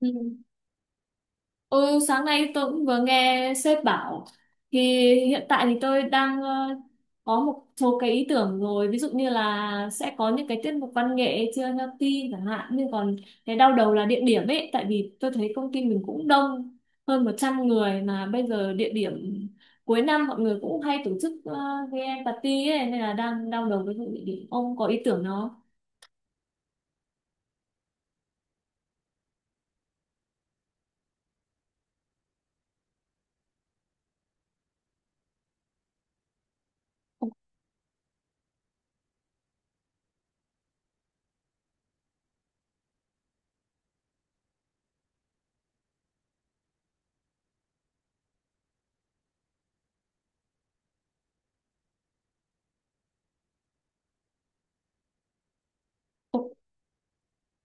Ừ. Ôi, sáng nay tôi cũng vừa nghe sếp bảo thì hiện tại thì tôi đang có một số cái ý tưởng rồi, ví dụ như là sẽ có những cái tiết mục văn nghệ chưa healthy chẳng hạn. Nhưng còn cái đau đầu là địa điểm ấy, tại vì tôi thấy công ty mình cũng đông hơn 100 người mà bây giờ địa điểm cuối năm mọi người cũng hay tổ chức cái party ấy, nên là đang đau đầu với vụ địa điểm. Ông có ý tưởng nó...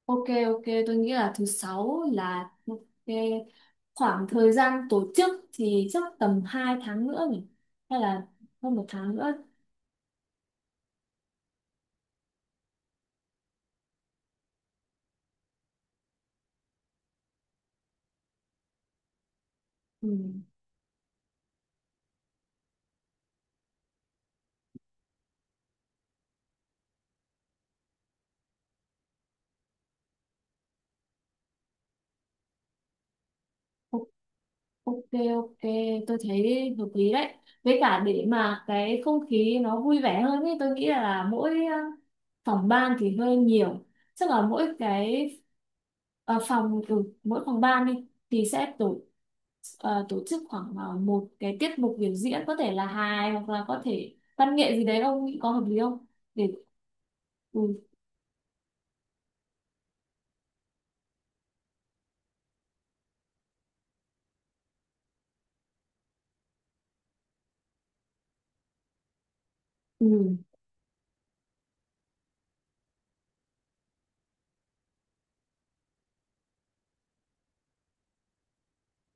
Ok, ok, tôi nghĩ là thứ sáu là cái khoảng thời gian tổ chức thì chắc tầm 2 tháng nữa nhỉ, hay là hơn một tháng nữa. Ừ. O- Ok, ok, tôi thấy hợp lý đấy. Với cả để mà cái không khí nó vui vẻ hơn ấy, tôi nghĩ là mỗi phòng ban thì hơi nhiều, chắc là mỗi cái ờ, phòng ừ, mỗi phòng ban đi thì sẽ tổ chức khoảng một cái tiết mục biểu diễn, có thể là hài hoặc là có thể văn nghệ gì đấy. Ông nghĩ có hợp lý không để ừ, ừ.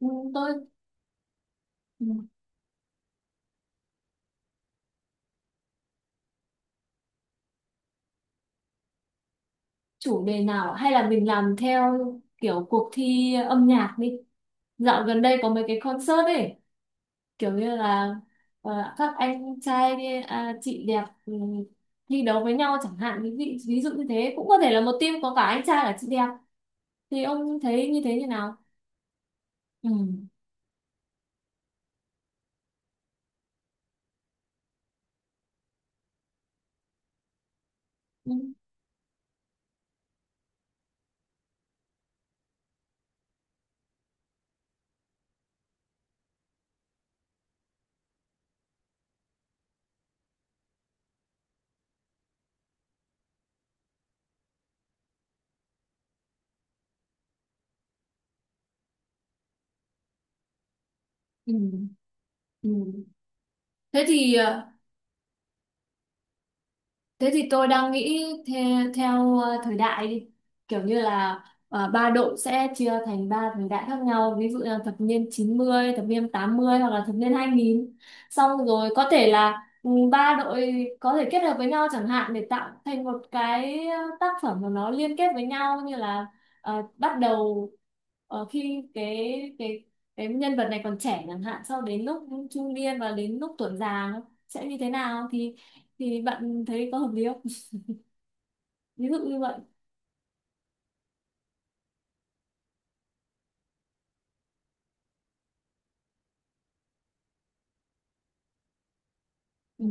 Ừ, tôi ừ. Chủ đề nào ạ? Hay là mình làm theo kiểu cuộc thi âm nhạc đi. Dạo gần đây có mấy cái concert ấy, kiểu như là các anh trai à, chị đẹp thi đấu với nhau chẳng hạn. Ví dụ như thế, cũng có thể là một team có cả anh trai cả chị đẹp. Thì ông thấy như thế như nào? Ừ. Ừ. Ừ. Ừ. thế thì ờ, Thế thì tôi đang nghĩ theo thời đại đi. Kiểu như là ba đội sẽ chia thành ba thời đại khác nhau. Ví dụ là thập niên 90, thập niên 80 hoặc là thập niên 2000. Xong rồi có thể là ba đội có thể kết hợp với nhau chẳng hạn, để tạo thành một cái tác phẩm mà nó liên kết với nhau, như là bắt đầu khi cái nhân vật này còn trẻ chẳng hạn, sau đến lúc trung niên và đến lúc tuổi già nó sẽ như thế nào. Thì bạn thấy có hợp lý không, ví dụ như vậy? Ừ.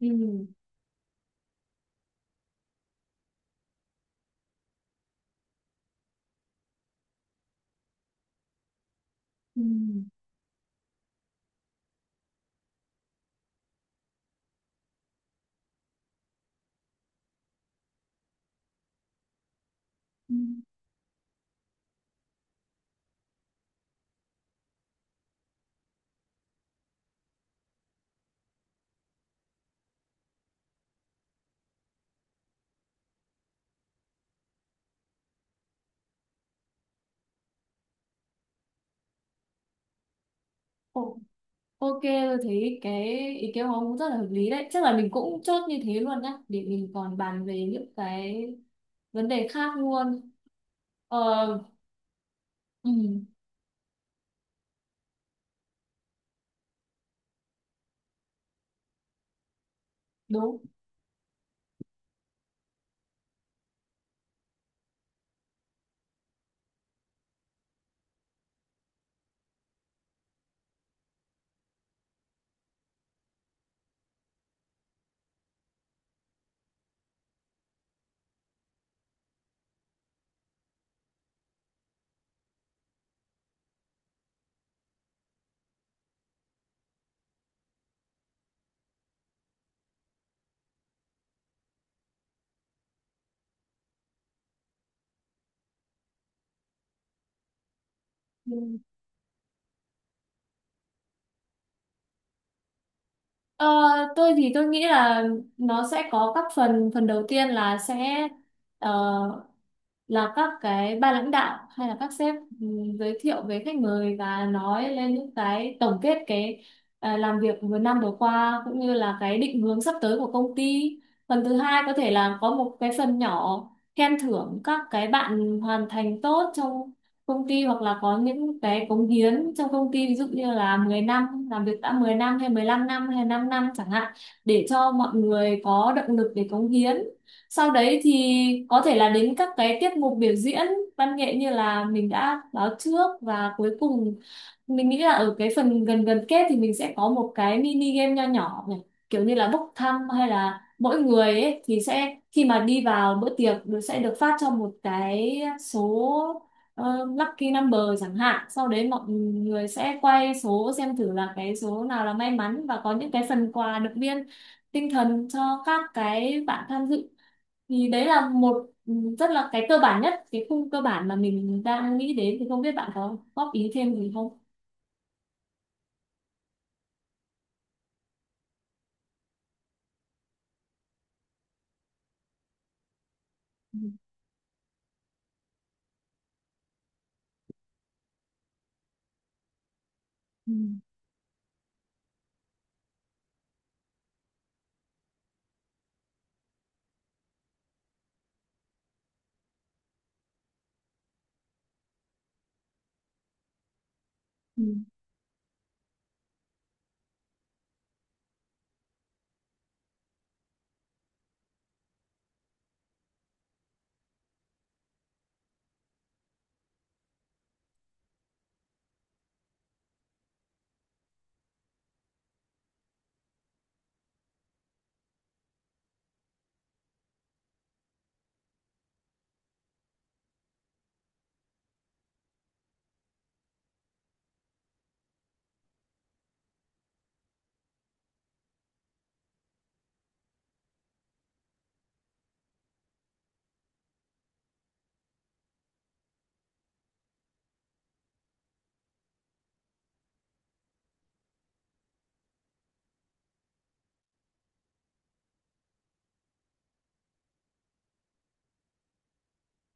Ừ. Ừ. Ừ. Ồ, ok, tôi thấy cái ý kiến của ông cũng rất là hợp lý đấy. Chắc là mình cũng chốt như thế luôn nhá, để mình còn bàn về những cái vấn đề khác luôn. ờ ừ, đúng. Ừ. ờ, tôi thì tôi nghĩ là nó sẽ có các phần phần đầu tiên là sẽ ờ, là các cái ban lãnh đạo hay là các sếp ừ, giới thiệu với khách mời và nói lên những cái tổng kết cái làm việc vừa năm vừa qua, cũng như là cái định hướng sắp tới của công ty. Phần thứ hai có thể là có một cái phần nhỏ khen thưởng các cái bạn hoàn thành tốt trong công ty, hoặc là có những cái cống hiến trong công ty, ví dụ như là 10 năm làm việc đã 10 năm hay 15 năm hay 5 năm chẳng hạn, để cho mọi người có động lực để cống hiến. Sau đấy thì có thể là đến các cái tiết mục biểu diễn văn nghệ như là mình đã báo trước, và cuối cùng mình nghĩ là ở cái phần gần gần kết thì mình sẽ có một cái mini game nho nhỏ này, kiểu như là bốc thăm, hay là mỗi người ấy thì sẽ khi mà đi vào bữa tiệc nó sẽ được phát cho một cái số lucky number chẳng hạn, sau đấy mọi người sẽ quay số xem thử là cái số nào là may mắn và có những cái phần quà động viên tinh thần cho các cái bạn tham dự. Thì đấy là rất là cái cơ bản nhất cái khung cơ bản mà mình đang nghĩ đến. Thì không biết bạn có góp ý thêm gì không? Ừ, ừ,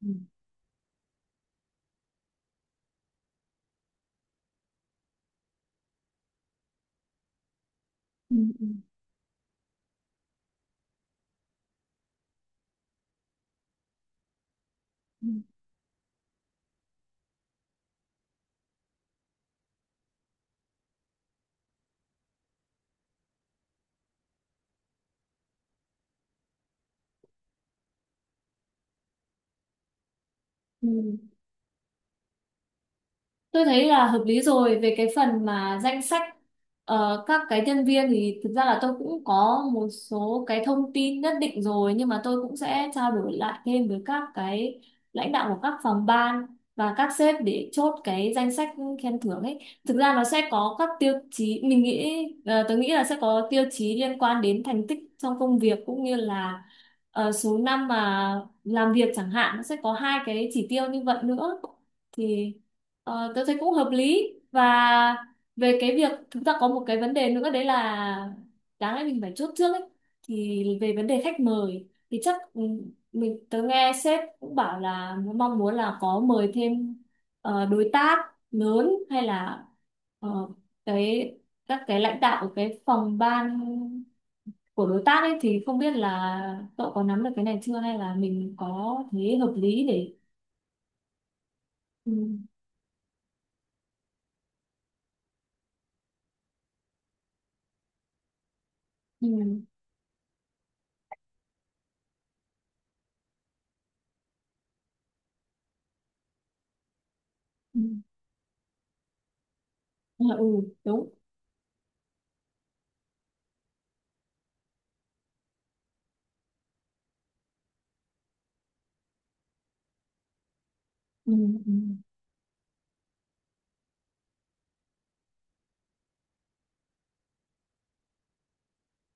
ừ, ừ. Ừ, ừ, ừ. Tôi thấy là hợp lý rồi. Về cái phần mà danh sách các cái nhân viên thì thực ra là tôi cũng có một số cái thông tin nhất định rồi, nhưng mà tôi cũng sẽ trao đổi lại thêm với các cái lãnh đạo của các phòng ban và các sếp để chốt cái danh sách khen thưởng ấy. Thực ra nó sẽ có các tiêu chí mình nghĩ, tôi nghĩ là sẽ có tiêu chí liên quan đến thành tích trong công việc, cũng như là số năm mà làm việc chẳng hạn, nó sẽ có hai cái chỉ tiêu như vậy nữa. Thì ờ, tôi thấy cũng hợp lý. Và về cái việc chúng ta có một cái vấn đề nữa đấy là đáng lẽ mình phải chốt trước ấy, thì về vấn đề khách mời thì chắc tớ nghe sếp cũng bảo là mong muốn là có mời thêm đối tác lớn, hay là ờ, cái các cái lãnh đạo của cái phòng ban của đối tác ấy. Thì không biết là cậu có nắm được cái này chưa, hay là mình có thấy hợp lý để... Ừ, ừ, ừ, ừ, đúng. Ừ, ừ.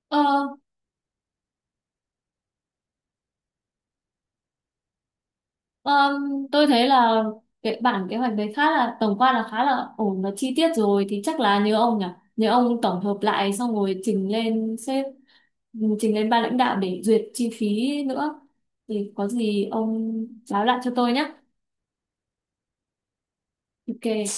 Ờ, ờ, tôi thấy là cái bản kế hoạch đấy khá là tổng quan, là khá là ổn và chi tiết rồi. Thì chắc là nhớ ông nhỉ, nhớ ông tổng hợp lại xong rồi trình lên sếp, trình lên ban lãnh đạo để duyệt chi phí nữa. Thì có gì ông báo lại cho tôi nhé. Ok.